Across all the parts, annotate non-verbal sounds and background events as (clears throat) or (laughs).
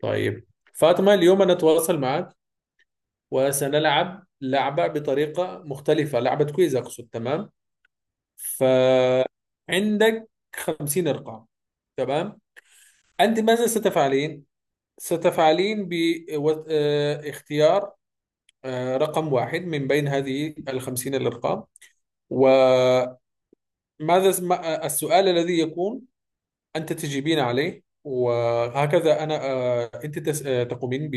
طيب، فاطمة، اليوم أنا أتواصل معك وسنلعب لعبة بطريقة مختلفة، لعبة كويز أقصد. تمام. فعندك 50 رقم. تمام. أنت ماذا ستفعلين؟ ستفعلين باختيار رقم واحد من بين هذه ال50 الأرقام. وماذا السؤال الذي يكون أنت تجيبين عليه. وهكذا أنا، أنت تقومين.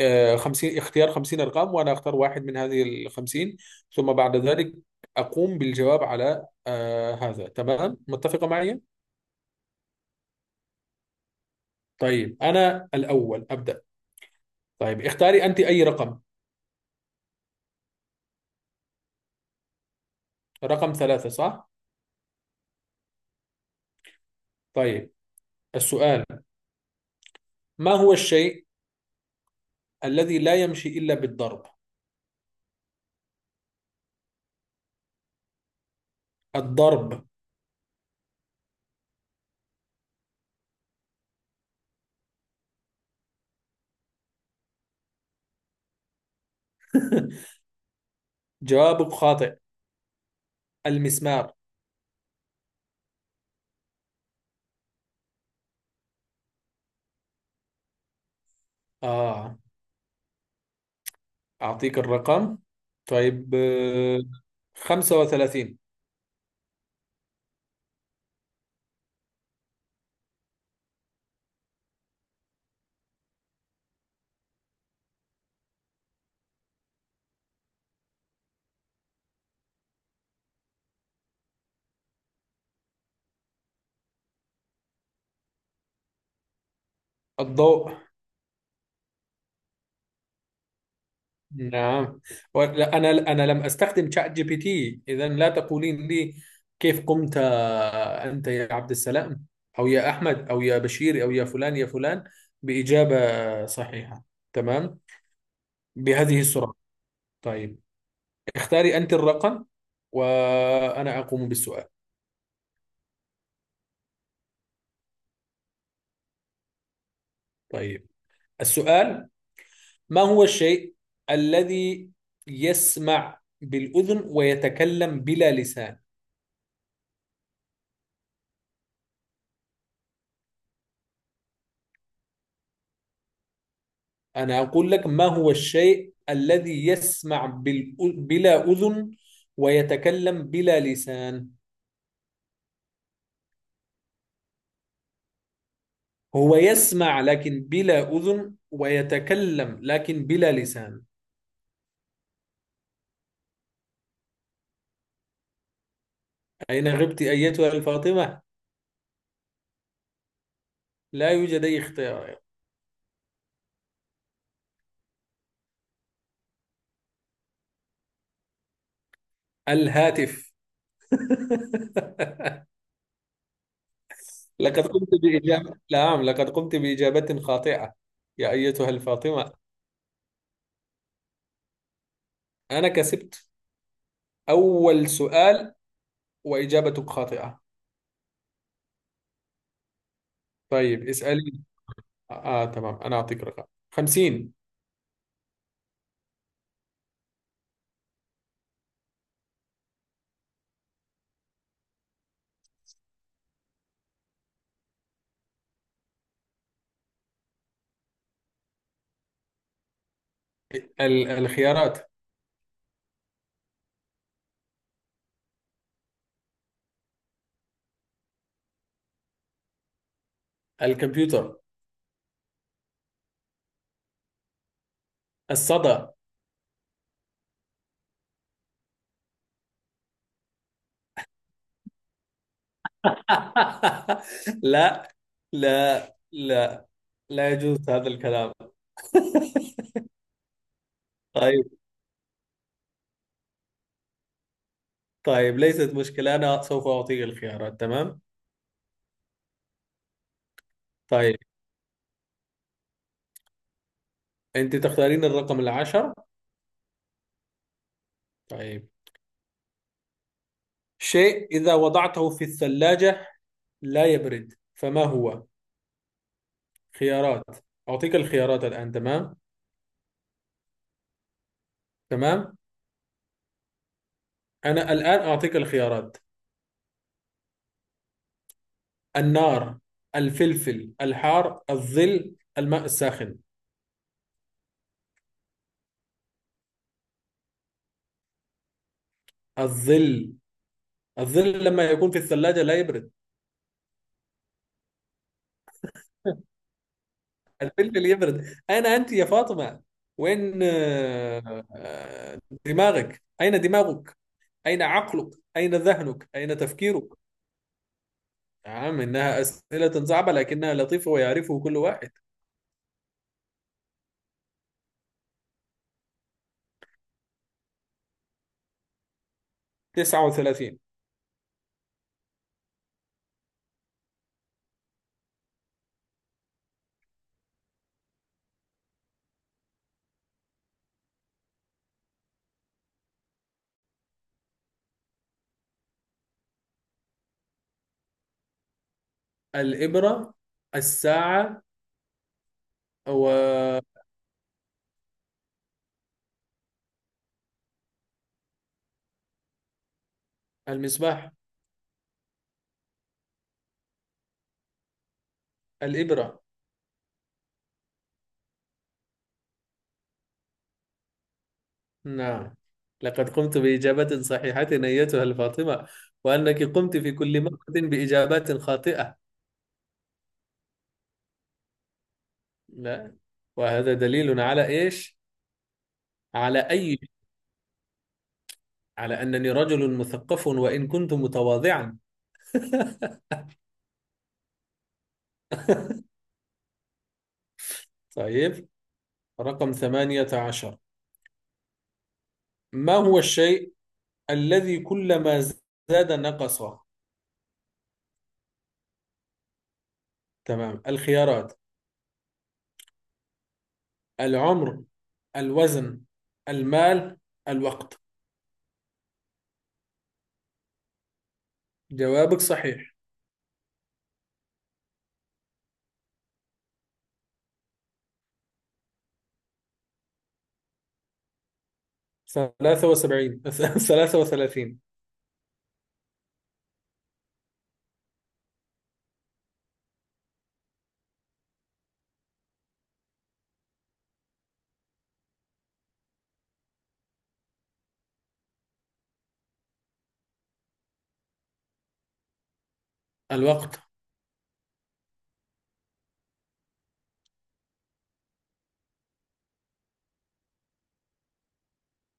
50 اختيار 50 ارقام وانا اختار واحد من هذه ال 50. ثم بعد ذلك اقوم بالجواب على هذا. تمام، متفقه معي؟ طيب، انا الاول ابدا. طيب، اختاري انت اي رقم. رقم ثلاثة، صح؟ طيب، السؤال: ما هو الشيء الذي لا يمشي الا بالضرب؟ الضرب. (laughs) جوابك خاطئ، المسمار. آه، أعطيك الرقم. طيب، 35. الضوء، نعم. أنا لم أستخدم شات جي بي تي، إذا لا تقولين لي كيف قمت. أنت يا عبد السلام أو يا أحمد أو يا بشير أو يا فلان يا فلان بإجابة صحيحة. تمام، بهذه السرعة. طيب، اختاري أنت الرقم وأنا أقوم بالسؤال. طيب، السؤال: ما هو الشيء الذي يسمع بالأذن ويتكلم بلا لسان؟ أنا أقول لك: ما هو الشيء الذي يسمع بلا أذن ويتكلم بلا لسان. هو يسمع لكن بلا أذن ويتكلم لكن بلا لسان. أين غبت أيتها الفاطمة؟ لا يوجد أي اختيار. الهاتف. (laughs) لقد قمت بإجابة، نعم، لقد قمت بإجابة خاطئة يا أيتها الفاطمة. أنا كسبت أول سؤال وإجابتك خاطئة. طيب، اسألي. تمام، أنا أعطيك رقم 50. الخيارات: الكمبيوتر، الصدى. (laughs) لا لا، لا يجوز هذا الكلام. طيب، طيب، ليست مشكلة، أنا سوف أعطيك الخيارات. تمام. طيب، أنت تختارين الرقم العشر. طيب، شيء إذا وضعته في الثلاجة لا يبرد، فما هو؟ خيارات، أعطيك الخيارات الآن. تمام. تمام، أنا الآن أعطيك الخيارات: النار، الفلفل الحار، الظل، الماء الساخن. الظل. الظل لما يكون في الثلاجة لا يبرد، الفلفل يبرد. أين أنت يا فاطمة؟ وين دماغك؟ أين دماغك؟ أين عقلك؟ أين ذهنك؟ أين تفكيرك؟ نعم، إنها أسئلة صعبة لكنها لطيفة ويعرفه كل واحد. 39. الإبرة، الساعة، والمصباح. الإبرة. نعم، لقد قمت بإجابة صحيحة أيتها الفاطمة، وأنك قمت في كل مرة بإجابات خاطئة. لا، وهذا دليل على إيش؟ على أي، على أنني رجل مثقف وإن كنت متواضعا. طيب، رقم 18. ما هو الشيء الذي كلما زاد نقص؟ تمام، الخيارات: العمر، الوزن، المال، الوقت. جوابك صحيح. 73، 33. (laughs) الوقت.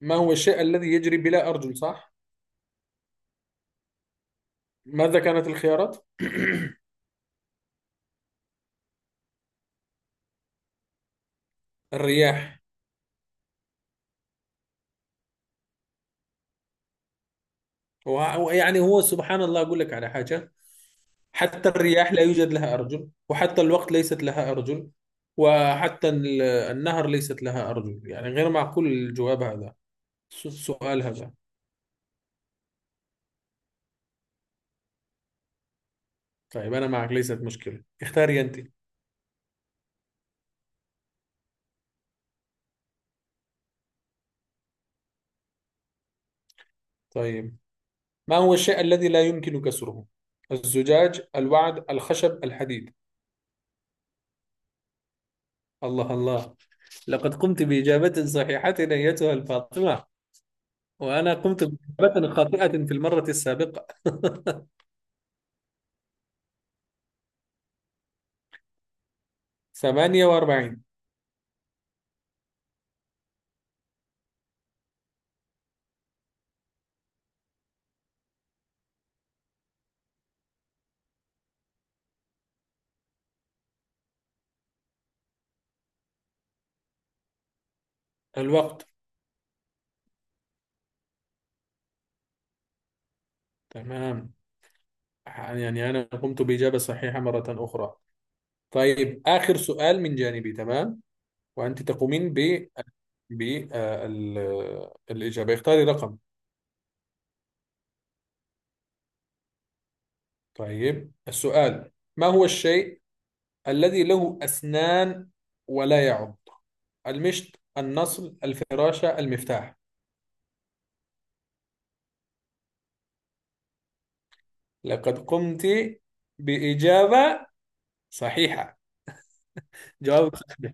ما هو الشيء الذي يجري بلا أرجل، صح؟ ماذا كانت الخيارات؟ (clears throat) الرياح. ويعني هو سبحان الله، أقول لك على حاجة، حتى الرياح لا يوجد لها أرجل، وحتى الوقت ليست لها أرجل، وحتى النهر ليست لها أرجل، يعني غير معقول الجواب هذا، السؤال هذا. طيب، أنا معك، ليست مشكلة، اختاري أنت. طيب، ما هو الشيء الذي لا يمكن كسره؟ الزجاج، الوعد، الخشب، الحديد. الله الله، لقد قمت بإجابة صحيحة أيتها الفاطمة، وأنا قمت بإجابة خاطئة في المرة السابقة. (laughs) 48. الوقت. تمام، يعني أنا قمت بإجابة صحيحة مرة أخرى. طيب، آخر سؤال من جانبي، تمام. وأنت تقومين ب، ب، الإجابة. اختاري رقم. طيب، السؤال: ما هو الشيء الذي له أسنان ولا يعض؟ المشط، النصل، الفراشة، المفتاح. لقد قمت بإجابة صحيحة. جوابك صحيح.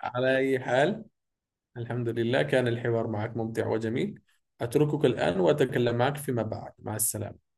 على أي حال، الحمد لله كان الحوار معك ممتع وجميل. أتركك الآن وأتكلم معك فيما بعد. مع السلامة.